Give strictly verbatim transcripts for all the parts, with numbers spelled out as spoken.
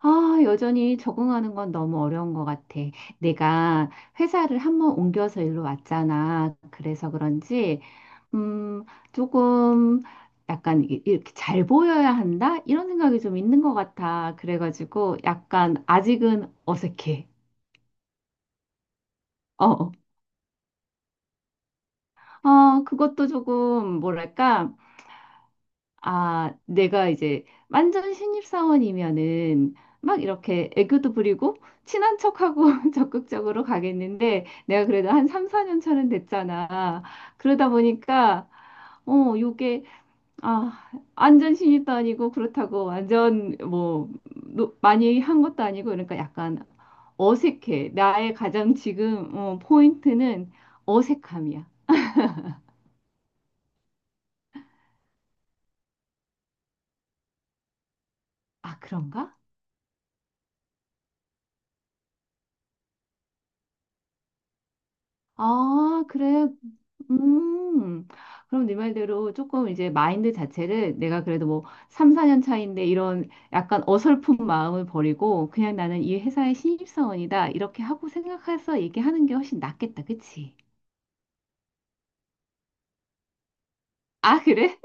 아, 여전히 적응하는 건 너무 어려운 것 같아. 내가 회사를 한번 옮겨서 일로 왔잖아. 그래서 그런지, 음, 조금 약간 이- 이렇게 잘 보여야 한다? 이런 생각이 좀 있는 것 같아. 그래가지고 약간 아직은 어색해. 어, 어, 어, 그것도 조금 뭐랄까. 아, 내가 이제 완전 신입사원이면은 막 이렇게 애교도 부리고 친한 척하고 적극적으로 가겠는데 내가 그래도 한 삼, 사 년 차는 됐잖아. 그러다 보니까 어, 요게 아, 완전 신입도 아니고 그렇다고 완전 뭐 노- 많이 한 것도 아니고 그러니까 약간 어색해. 나의 가장 지금 어, 포인트는 어색함이야. 아, 그런가? 아, 그래. 음, 그럼 네 말대로 조금 이제 마인드 자체를 내가 그래도 뭐 삼, 사 년 차인데 이런 약간 어설픈 마음을 버리고 그냥 나는 이 회사의 신입사원이다. 이렇게 하고 생각해서 얘기하는 게 훨씬 낫겠다. 그치? 아, 그래?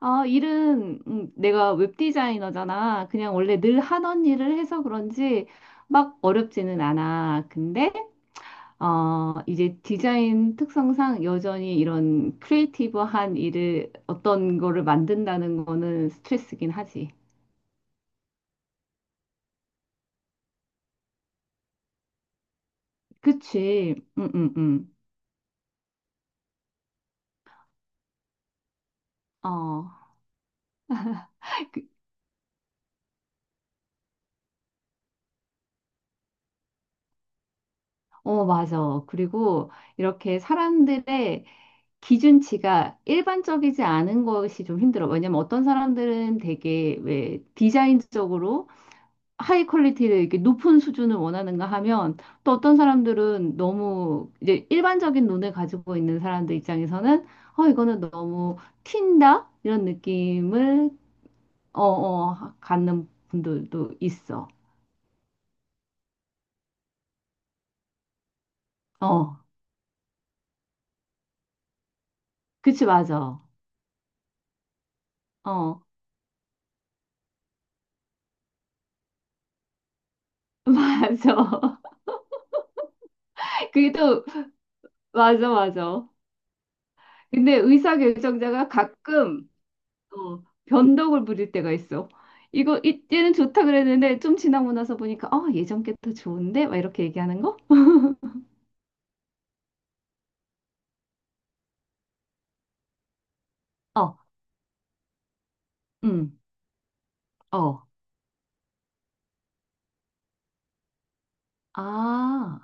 아, 일은 음, 내가 웹 디자이너잖아. 그냥 원래 늘 하던 일을 해서 그런지 막 어렵지는 않아. 근데 어, 이제 디자인 특성상 여전히 이런 크리에이티브한 일을 어떤 거를 만든다는 거는 스트레스긴 하지. 그치? 응, 응, 응. 어, 그- 어, 맞아. 그리고 이렇게 사람들의 기준치가 일반적이지 않은 것이 좀 힘들어. 왜냐면 어떤 사람들은 되게 왜 디자인적으로 하이 퀄리티를 이렇게 높은 수준을 원하는가 하면 또 어떤 사람들은 너무 이제 일반적인 눈을 가지고 있는 사람들 입장에서는 어, 이거는 너무 튄다? 이런 느낌을 어, 어, 갖는 분들도 있어. 어, 그치, 맞아. 어, 맞아. 그게 또, 맞아, 맞아. 근데 의사결정자가 가끔 어, 변덕을 부릴 때가 있어. 이거 이때는 좋다 그랬는데 좀 지나고 나서 보니까 어, 예전 게 더 좋은데? 막 이렇게 얘기하는 거? 어, 음, 어, 아,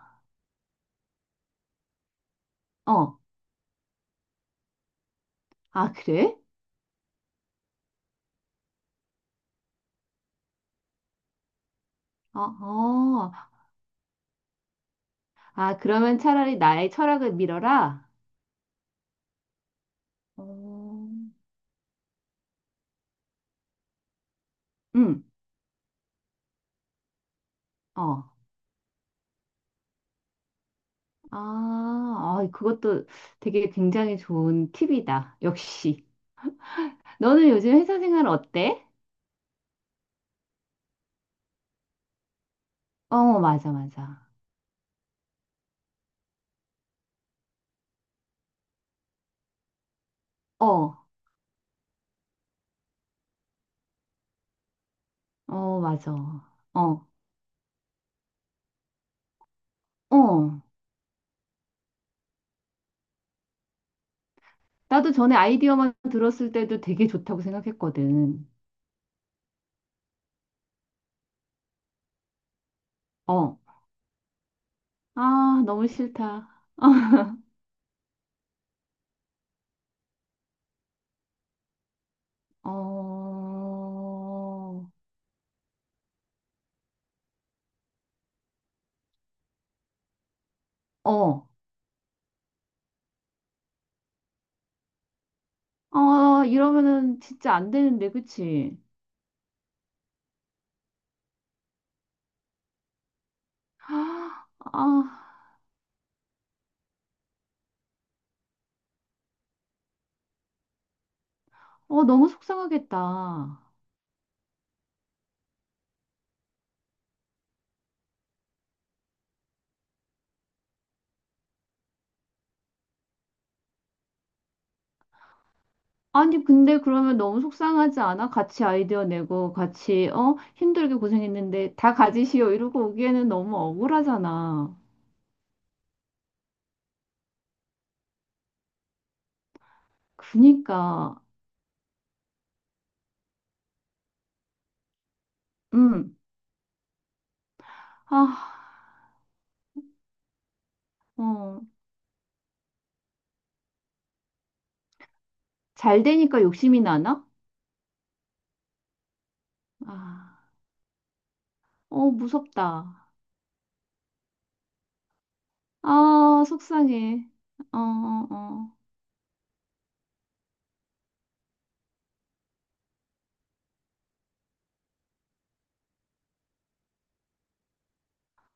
어, 아, 그래? 어, 어, 아, 그러면 차라리 나의 철학을 밀어라. 어, 음, 어, 아, 아, 그것도 되게 굉장히 좋은 팁이다. 역시. 너는 요즘 회사 생활 어때? 어, 맞아, 맞아. 어, 어, 맞아. 어, 어. 나도 전에 아이디어만 들었을 때도 되게 좋다고 생각했거든. 어. 아, 너무 싫다. 어, 어, 어, 아, 이러면은 진짜 안 되는데, 그치? 아, 아, 어, 너무 속상하겠다. 아니, 근데 그러면 너무 속상하지 않아? 같이 아이디어 내고, 같이, 어, 힘들게 고생했는데, 다 가지시오. 이러고 오기에는 너무 억울하잖아. 그니까, 음, 아, 어. 잘 되니까 욕심이 나나? 아, 어, 무섭다. 아, 속상해. 어, 어, 어.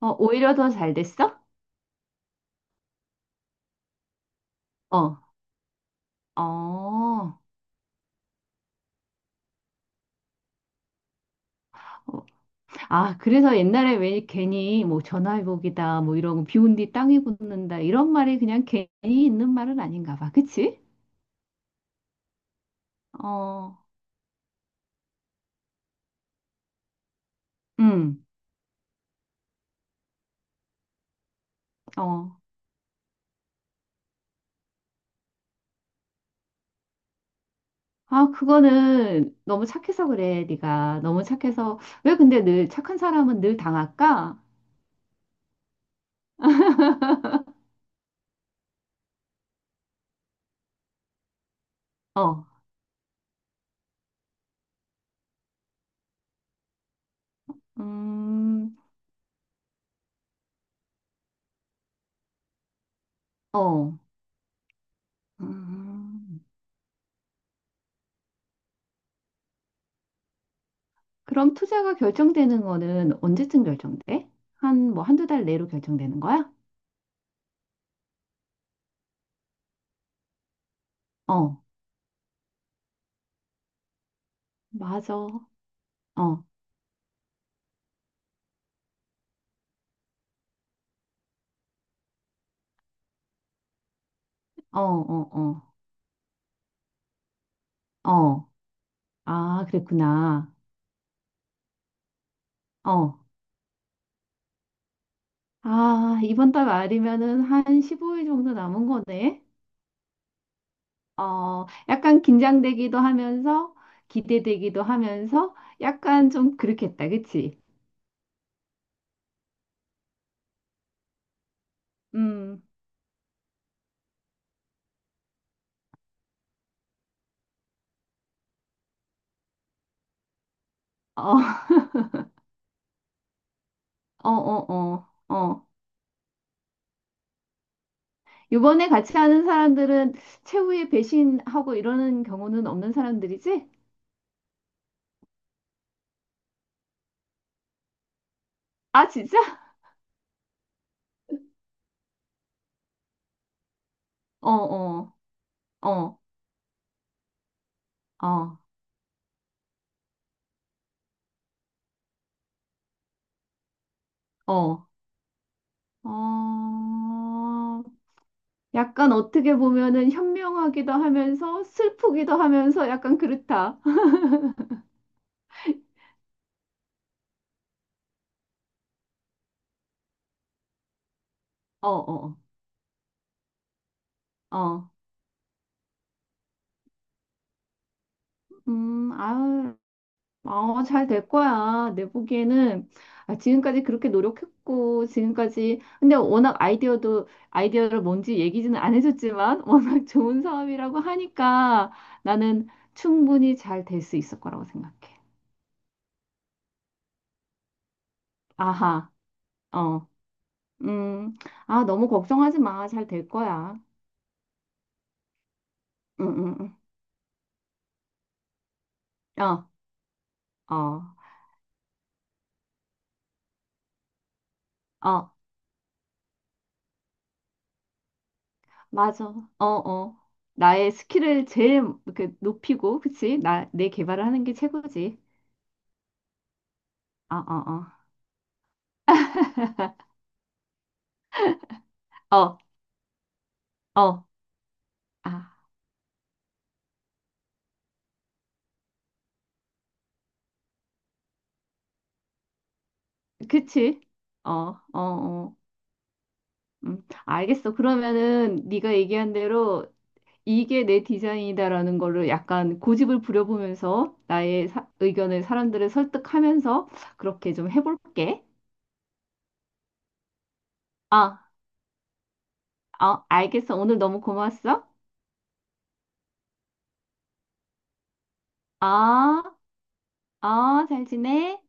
어, 오히려 더 잘 됐어? 어, 어. 어, 아, 그래서 옛날에 왜 괜히 뭐 전화위복이다, 뭐 이런 거 비온 뒤 땅이 굳는다, 이런 말이 그냥 괜히 있는 말은 아닌가 봐. 그치? 어, 음, 어. 아, 그거는 너무 착해서 그래, 네가. 너무 착해서. 왜 근데 늘 착한 사람은 늘 당할까? 어, 음, 어. 음. 그럼 투자가 결정되는 거는 언제쯤 결정돼? 한 뭐 한두 달 내로 결정되는 거야? 어, 맞아. 어, 어, 어, 어, 어. 아, 그랬구나. 어. 아, 이번 달 말이면은 한 십오 일 정도 남은 거네. 어, 약간 긴장되기도 하면서 기대되기도 하면서 약간 좀 그렇겠다, 그치? 음, 어, 어, 어, 어, 어. 요번에 같이 하는 사람들은 최후에 배신하고 이러는 경우는 없는 사람들이지? 아, 진짜? 어, 어, 어, 어, 어. 어, 약간 어떻게 보면은 현명하기도 하면서 슬프기도 하면서 약간 그렇다. 어, 어, 어. 음, 아유. 어, 잘 될 거야. 내 보기에는, 아, 지금까지 그렇게 노력했고 지금까지 근데 워낙 아이디어도 아이디어를 뭔지 얘기지는 안 해줬지만 워낙 좋은 사업이라고 하니까 나는 충분히 잘 될 수 있을 거라고 생각해. 아하, 어, 음, 아 너무 걱정하지 마. 잘 될 거야. 응, 응, 응. 어, 어, 어, 맞아. 어, 어. 나의 스킬을 제일 이렇게 높이고, 그치? 나, 내 개발을 하는 게 최고지. 어, 어, 어. 어, 어, 아, 그치? 어, 어, 어, 음, 알겠어. 그러면은 네가 얘기한 대로 이게 내 디자인이다라는 거를 약간 고집을 부려보면서 나의 사- 의견을 사람들을 설득하면서 그렇게 좀 해볼게. 아, 어, 알겠어. 오늘 너무 고마웠어. 아, 아, 잘 지내?